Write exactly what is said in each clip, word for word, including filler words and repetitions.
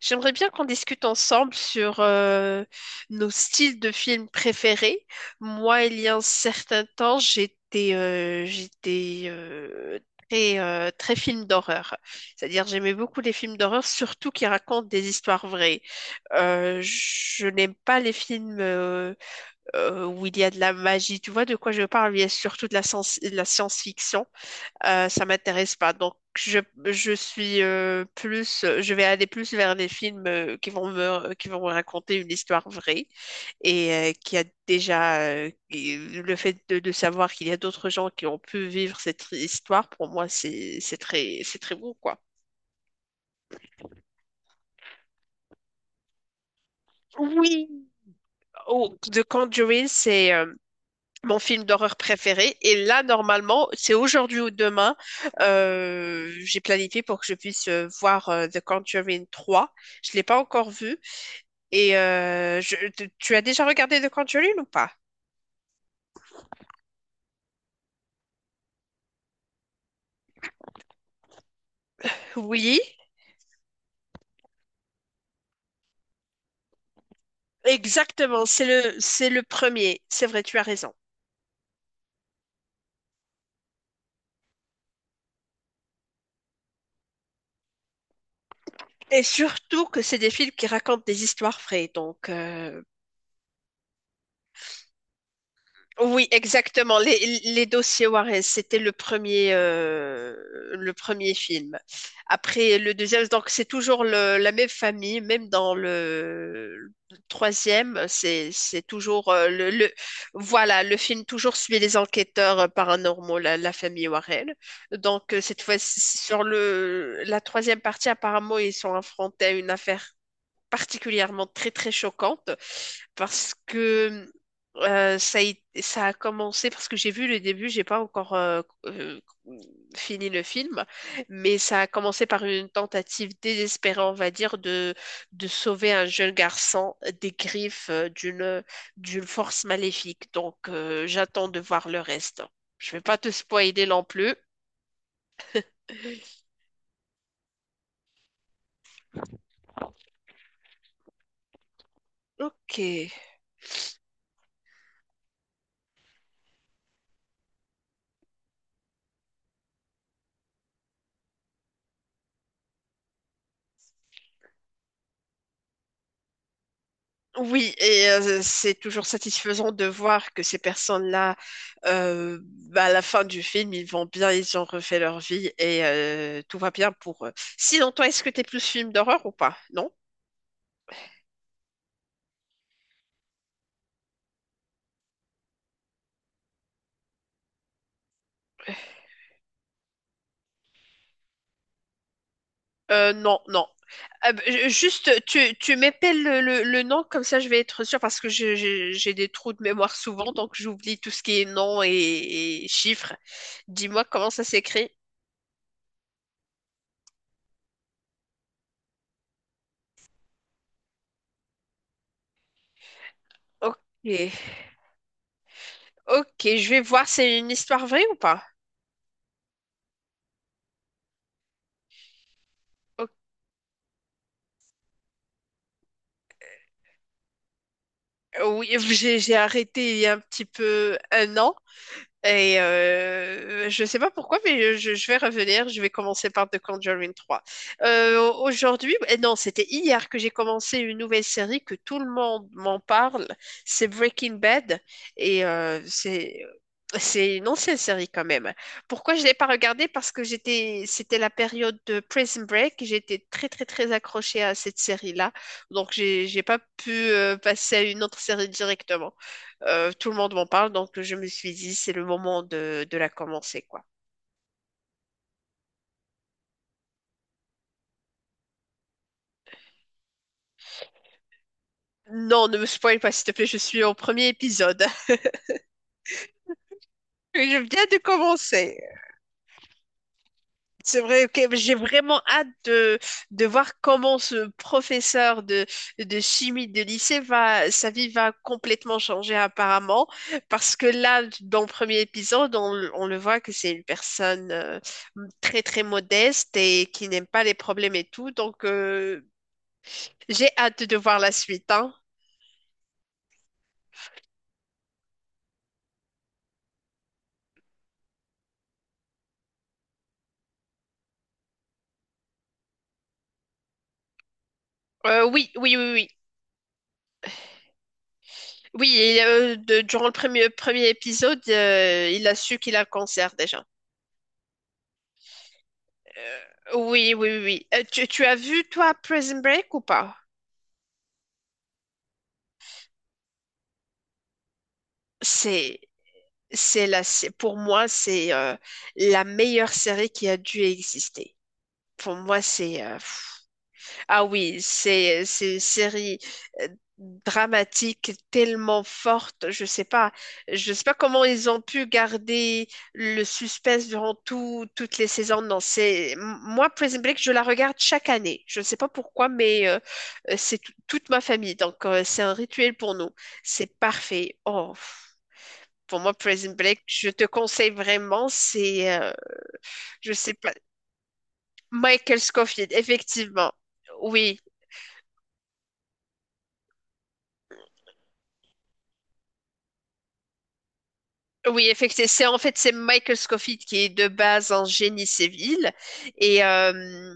J'aimerais bien qu'on discute ensemble sur euh, nos styles de films préférés. Moi, il y a un certain temps, j'étais euh, j'étais euh, très, euh, très film d'horreur. C'est-à-dire, j'aimais beaucoup les films d'horreur, surtout qui racontent des histoires vraies. Euh, je n'aime pas les films euh, euh, où il y a de la magie. Tu vois de quoi je parle? Il y a surtout de la, science- de la science-fiction, euh, ça m'intéresse pas. Donc, je, je suis euh, plus, je vais aller plus vers des films, euh, qui vont me, qui vont me raconter une histoire vraie et euh, qui a déjà euh, qui- le fait de, de savoir qu'il y a d'autres gens qui ont pu vivre cette histoire. Pour moi, c'est, c'est très, c'est très beau, quoi. Oui, oh, The Conjuring, c'est euh, mon film d'horreur préféré. Et là, normalement, c'est aujourd'hui ou demain. Euh, j'ai planifié pour que je puisse euh, voir euh, The Conjuring trois. Je l'ai pas encore vu. Et euh, je- tu tu as déjà regardé The Conjuring ou pas? Oui, exactement. C'est le, c'est le premier. C'est vrai, tu as raison. Et surtout que c'est des films qui racontent des histoires vraies. Donc, euh, Oui, exactement. Les, les dossiers Warren, c'était le premier, euh, le premier film. Après, le deuxième, donc c'est toujours le- la même famille, même dans le, le troisième, c'est, c'est toujours euh, le, le- voilà, le film toujours suit les enquêteurs, euh, paranormaux, la, la famille Warren. Donc, euh, cette fois, sur le, la troisième partie, apparemment, ils sont affrontés à une affaire particulièrement très très choquante parce que euh, ça, a été- ça a commencé parce que j'ai vu le début, j'ai pas encore euh, euh, fini le film, mais ça a commencé par une tentative désespérée, on va dire, de, de sauver un jeune garçon des griffes, euh, d'une d'une force maléfique. Donc, euh, j'attends de voir le reste. Je vais pas te spoiler non plus. Ok. Oui, et euh, c'est toujours satisfaisant de voir que ces personnes-là, euh, bah, à la fin du film, ils vont bien, ils ont refait leur vie et, euh, tout va bien pour eux. Sinon, toi, est-ce que t'es plus film d'horreur ou pas? Non? Euh, non, non. Euh, b- je- juste, tu, tu m'épelles le, le- le nom, comme ça je vais être sûre, parce que je- je- j'ai des trous de mémoire souvent, donc j'oublie tout ce qui est nom et, et chiffres. Dis-moi comment ça s'écrit. Ok. Ok, je vais voir, c'est une histoire vraie ou pas? Ok. Euh, Oui, j'ai j'ai arrêté il y a un petit peu un an. Et euh, je sais pas pourquoi, mais je, je vais revenir. Je vais commencer par The Conjuring trois. Euh, aujourd'hui, eh non, c'était hier que j'ai commencé une nouvelle série que tout le monde m'en parle. C'est Breaking Bad. Et euh, c'est. C'est une ancienne série quand même. Pourquoi je l'ai pas regardée? Parce que j'étais, c'était la période de Prison Break. J'étais très, très, très accrochée à cette série-là. Donc, j'ai, j'ai pas pu euh, passer à une autre série directement. Euh, tout le monde m'en parle, donc je me suis dit, c'est le moment de, de la commencer, quoi. Non, ne me spoil pas, s'il te plaît, je suis au premier épisode. Je viens de commencer. C'est vrai, ok, j'ai vraiment hâte de, de voir comment ce professeur de, de chimie de lycée va, sa vie va complètement changer apparemment, parce que là, dans le premier épisode, on, on le voit que c'est une personne, euh, très très modeste et qui n'aime pas les problèmes et tout, donc, euh, j'ai hâte de voir la suite, hein. Euh, oui, oui, oui, oui. Oui, et, euh, de- durant le premier, premier épisode, euh, il a su qu'il a le cancer déjà. Euh, oui, oui, oui. Oui. Euh, tu, tu as vu, toi, Prison Break ou pas? C'est, c'est la, sé- pour moi, c'est euh, la meilleure série qui a dû exister. Pour moi, c'est... euh, pff, Ah oui, c'est c'est une série, euh, dramatique tellement forte, je sais pas, je sais pas comment ils ont pu garder le suspense durant tout- toutes les saisons. Non, c'est m- moi Prison Break, je la regarde chaque année. Je sais pas pourquoi, mais euh, euh, c'est tout- toute ma famille, donc, euh, c'est un rituel pour nous. C'est parfait. Oh, pff, pour moi Prison Break, je te conseille vraiment. C'est, euh, je sais pas, Michael Scofield, effectivement. Oui. Oui, effectivement, c'est en fait c'est Michael Scofield qui est de base un génie civil et, euh,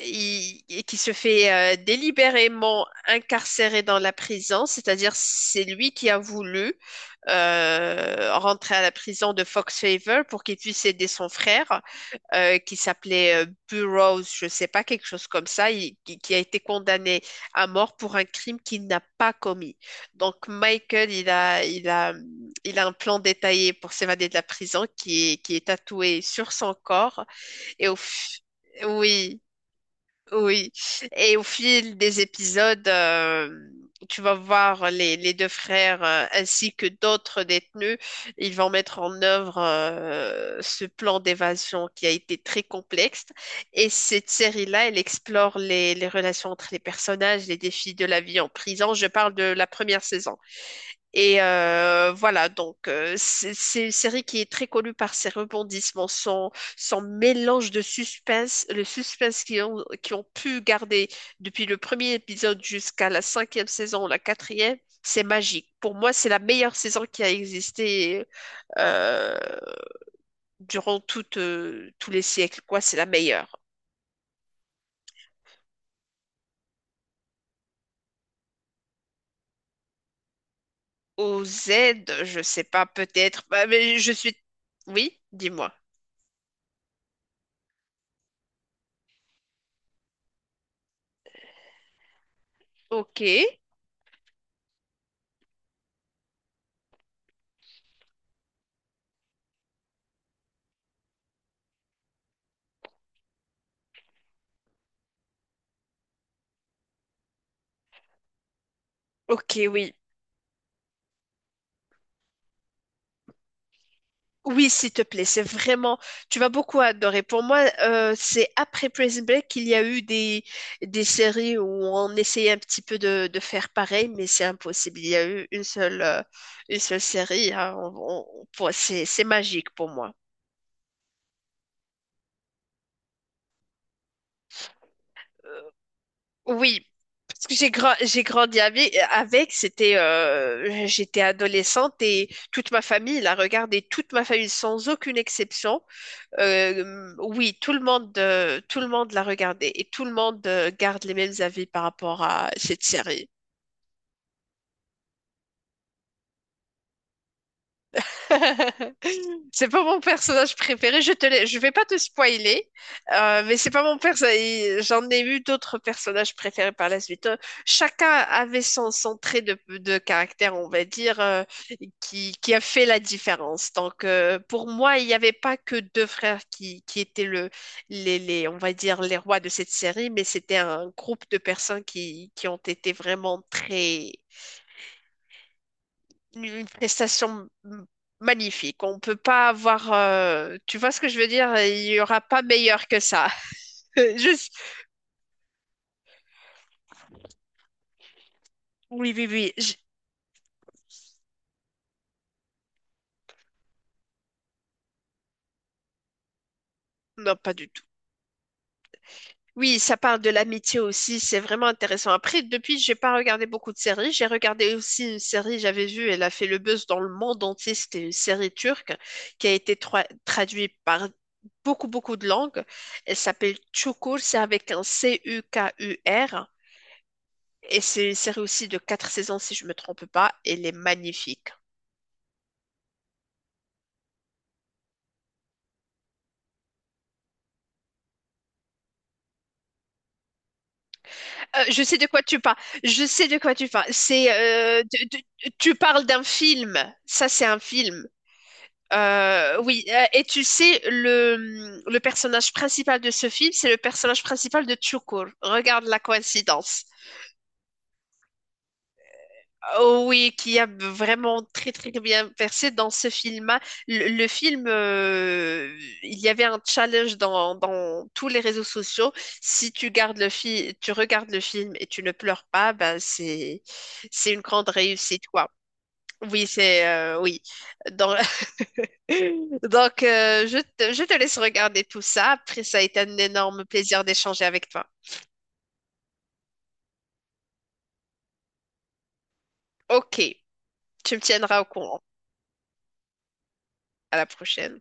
il- et qui se fait euh, délibérément incarcérer dans la prison, c'est-à-dire c'est lui qui a voulu euh, rentrer à la prison de Fox Favor pour qu'il puisse aider son frère, euh, qui s'appelait euh, Burroughs, je sais pas, quelque chose comme ça, il- qui, qui a été condamné à mort pour un crime qu'il n'a pas commis. Donc Michael, il a, il a, il a un plan détaillé pour s'évader de la prison qui est, qui est tatoué sur son corps. Et au f- oui. Oui, et au fil des épisodes, euh, tu vas voir les, les deux frères, euh, ainsi que d'autres détenus, ils vont mettre en œuvre euh, ce plan d'évasion qui a été très complexe. Et cette série-là, elle explore les, les relations entre les personnages, les défis de la vie en prison. Je parle de la première saison. Et euh, voilà, donc, euh, c'est c'est une série qui est très connue par ses rebondissements, son, son mélange de suspense, le suspense qu'ils ont, qu'ils ont pu garder depuis le premier épisode jusqu'à la cinquième saison ou la quatrième, c'est magique. Pour moi, c'est la meilleure saison qui a existé, euh, durant toute, euh, tous les siècles, quoi, c'est la meilleure. Au Z, je sais pas, peut-être, bah, mais je suis... Oui, dis-moi. Ok, ok, oui. Oui, s'il te plaît, c'est vraiment, tu vas beaucoup adorer. Pour moi, euh, c'est après Prison Break qu'il y a eu des, des séries où on essayait un petit peu de, de faire pareil, mais c'est impossible. Il y a eu une seule, euh, une seule série. Hein. On- on- on- pour- c'est, c'est magique pour moi. Euh, Oui, parce que j'ai gra- j'ai grandi avec, avec, c'était, euh, j'étais adolescente et toute ma famille la regardait, toute ma famille sans aucune exception. Euh, oui, tout le monde, euh, tout le monde l'a regardé et tout le monde, euh, garde les mêmes avis par rapport à cette série. C'est pas mon personnage préféré. Je te l'ai- je vais pas te spoiler, euh, mais c'est pas mon personnage. J'en ai eu d'autres personnages préférés par la suite. Euh, Chacun avait son, son trait de, de caractère, on va dire, euh, qui, qui a fait la différence. Donc, euh, pour moi, il n'y avait pas que deux frères qui, qui étaient le, les, les, on va dire, les rois de cette série, mais c'était un groupe de personnes qui, qui ont été vraiment très une prestation magnifique. On peut pas avoir, euh, tu vois ce que je veux dire? Il y aura pas meilleur que ça. Juste, oui, oui, oui. j- Non, pas du tout. Oui, ça parle de l'amitié aussi. C'est vraiment intéressant. Après, depuis, j'ai pas regardé beaucoup de séries. J'ai regardé aussi une série, j'avais vu, elle a fait le buzz dans le monde entier. C'était une série turque qui a été tra- traduite par beaucoup, beaucoup de langues. Elle s'appelle Çukur. C'est avec un C U K U R. Et c'est une série aussi de quatre saisons, si je me trompe pas. Elle est magnifique. Euh, je sais de quoi tu parles. Je sais de quoi tu parles. C'est, euh, de- de- Tu parles d'un film. Ça, c'est un film. Euh, oui. Euh, Et tu sais, le, le personnage principal de ce film, c'est le personnage principal de Chukur. Regarde la coïncidence. Oh oui, qui a vraiment très très bien percé dans ce film-là. Le, le film, euh, il y avait un challenge dans, dans tous les réseaux sociaux. Si tu gardes le fi- tu regardes le film et tu ne pleures pas, ben c'est c'est une grande réussite, quoi. Oui, c'est, euh, oui. Dans- Donc, euh, je te, je te laisse regarder tout ça. Après, ça a été un énorme plaisir d'échanger avec toi. Ok, tu me tiendras au courant. À la prochaine.